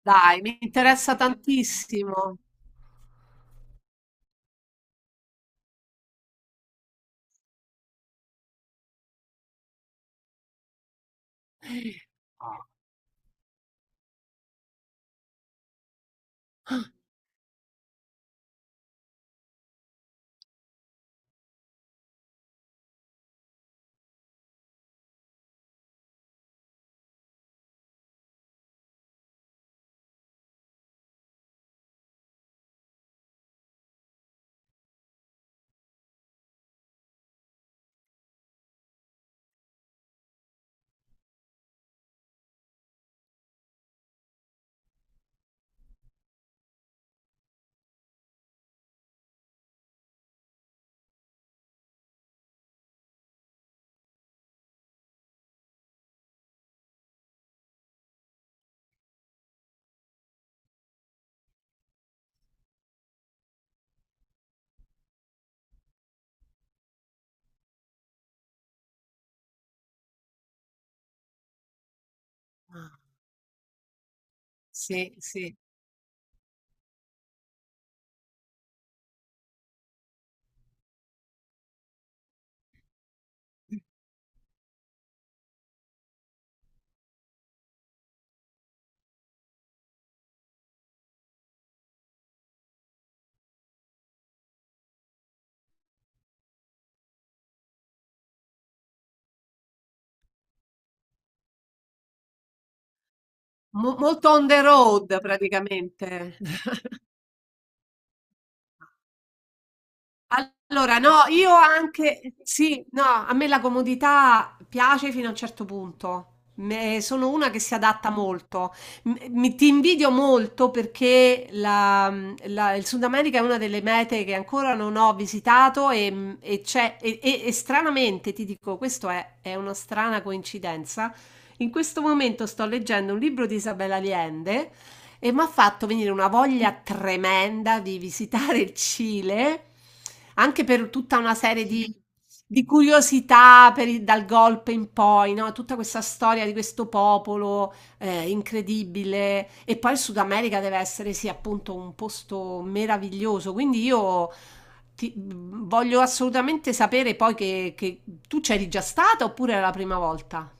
Dai, mi interessa tantissimo. Sì, sì. Mo molto on the road praticamente. Allora, no, io anche, sì, no, a me la comodità piace fino a un certo punto. Sono una che si adatta molto. Ti invidio molto perché il Sud America è una delle mete che ancora non ho visitato e stranamente, ti dico, è una strana coincidenza. In questo momento sto leggendo un libro di Isabella Allende e mi ha fatto venire una voglia tremenda di visitare il Cile, anche per tutta di curiosità per dal golpe in poi, no? Tutta questa storia di questo popolo incredibile. E poi il Sud America deve essere, sì, appunto un posto meraviglioso. Quindi io voglio assolutamente sapere poi che tu c'eri già stata oppure era la prima volta?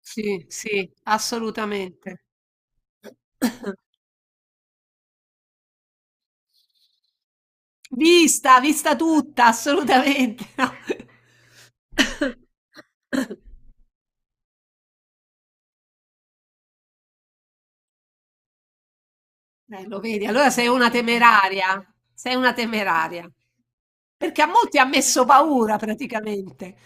Sì, sì, assolutamente. Vista, vista tutta, assolutamente. No. Lo vedi, allora sei una temeraria, perché a molti ha messo paura praticamente.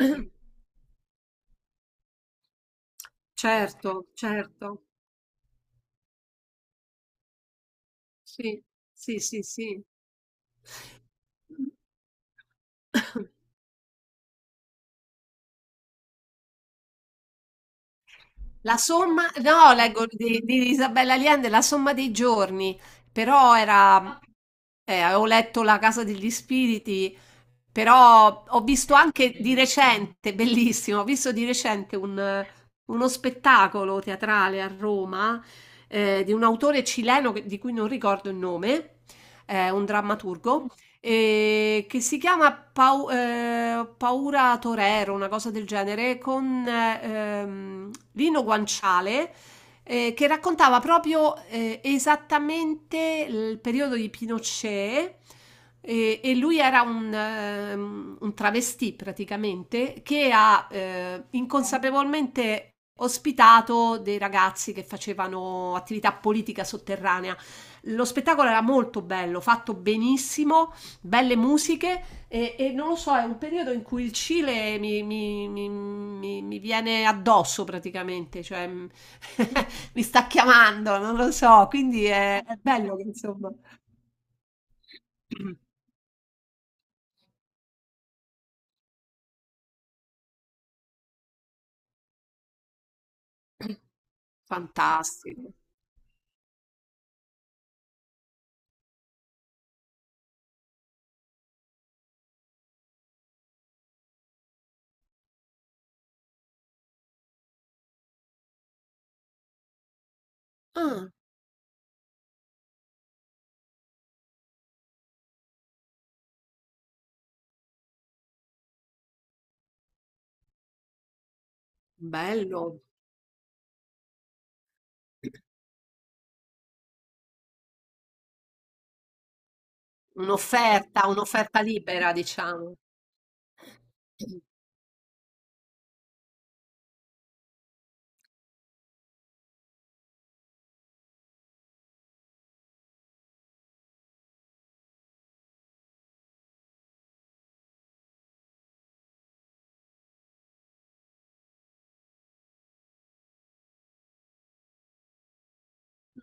Certo, certo, sì, sì, sì, sì. La somma, no, leggo di Isabella Allende, La somma dei giorni, però era, avevo letto La casa degli spiriti, però ho visto anche di recente, bellissimo, ho visto di recente uno spettacolo teatrale a Roma, di un autore cileno di cui non ricordo il nome, un drammaturgo, che si chiama Paura Torero, una cosa del genere, con Lino Guanciale, che raccontava proprio esattamente il periodo di Pinochet. E lui era un travestì praticamente che ha inconsapevolmente ospitato dei ragazzi che facevano attività politica sotterranea. Lo spettacolo era molto bello, fatto benissimo, belle musiche e non lo so, è un periodo in cui il Cile mi viene addosso praticamente, cioè mi sta chiamando, non lo so, quindi è bello che insomma. Fantastico. Ah, bello. Un'offerta, un'offerta libera, diciamo.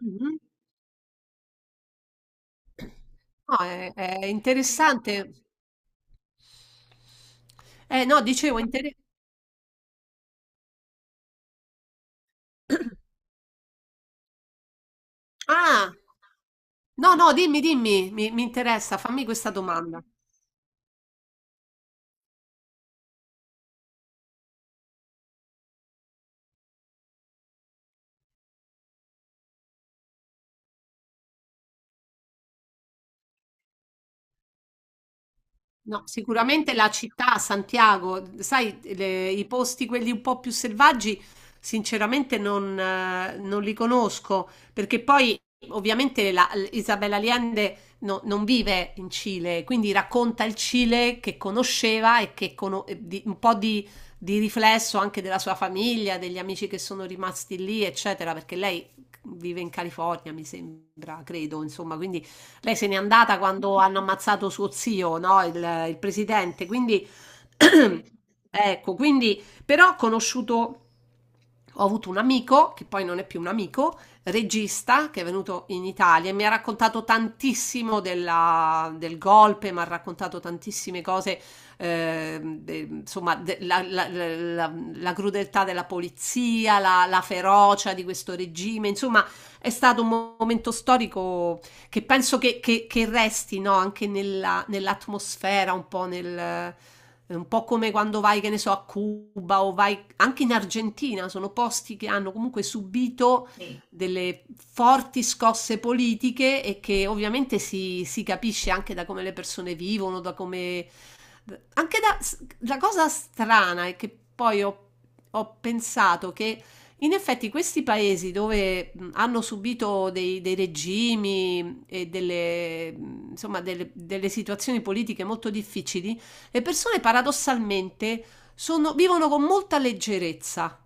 Mhm. No, è interessante. Eh no, dicevo, inter- Ah! No, no, dimmi, dimmi, mi interessa, fammi questa domanda. No, sicuramente la città, Santiago, sai, i posti quelli un po' più selvaggi, sinceramente non li conosco, perché poi ovviamente Isabel Allende non vive in Cile, quindi racconta il Cile che conosceva e che un po' di riflesso anche della sua famiglia, degli amici che sono rimasti lì, eccetera, perché lei vive in California, mi sembra, credo, insomma, quindi lei se n'è andata quando hanno ammazzato suo zio, no? Il presidente. Quindi, ecco, quindi, però ho conosciuto, ho avuto un amico, che poi non è più un amico, regista, che è venuto in Italia e mi ha raccontato tantissimo del golpe, mi ha raccontato tantissime cose, la crudeltà della polizia, la ferocia di questo regime, insomma... È stato un momento storico che penso che resti, no, anche nell'atmosfera, un po' nel, un po' come quando vai, che ne so, a Cuba o vai anche in Argentina, sono posti che hanno comunque subito delle forti scosse politiche e che ovviamente si, si capisce anche da come le persone vivono, da come, anche da, la cosa strana è che poi ho, ho pensato che in effetti questi paesi dove hanno subito dei regimi e delle, delle situazioni politiche molto difficili, le persone paradossalmente vivono con molta leggerezza,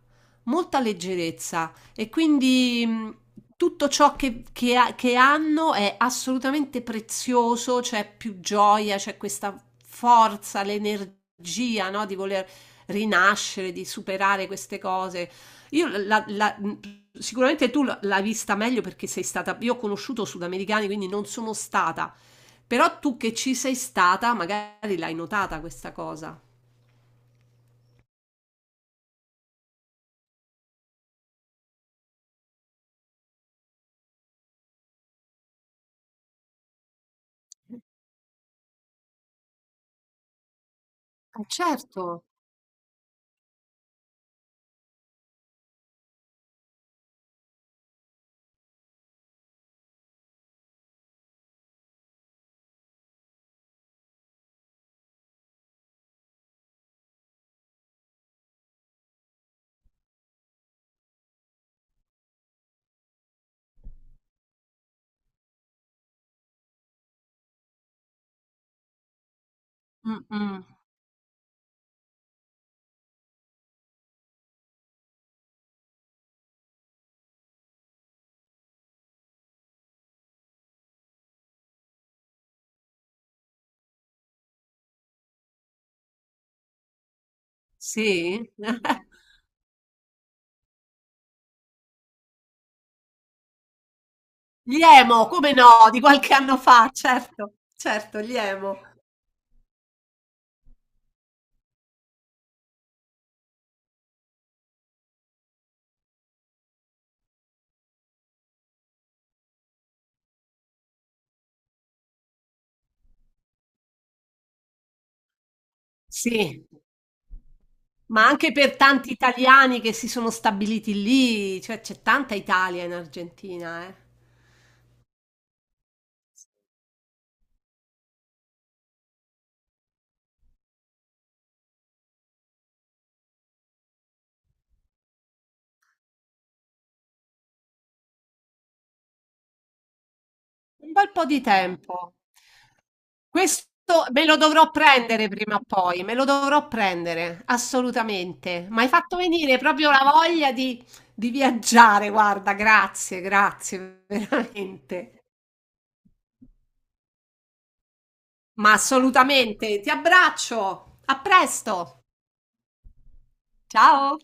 molta leggerezza. E quindi tutto ciò che hanno è assolutamente prezioso, c'è più gioia, c'è questa forza, l'energia, no, di voler rinascere, di superare queste cose. Io la- la- mm, sicuramente tu l'hai vista meglio perché sei stata, io ho conosciuto sudamericani, quindi non sono stata, però tu che ci sei stata, magari l'hai notata questa cosa. Ah, certo. Mm, mm. Sì? Gli emo, come no, di qualche anno fa, certo, certo, gli emo. Sì, ma anche per tanti italiani che si sono stabiliti lì, cioè c'è tanta Italia in Argentina, eh. Un bel po' di tempo. Questo me lo dovrò prendere prima o poi, me lo dovrò prendere, assolutamente. Mi hai fatto venire proprio la voglia di viaggiare, guarda, grazie, grazie, veramente. Ma assolutamente, ti abbraccio, a presto. Ciao!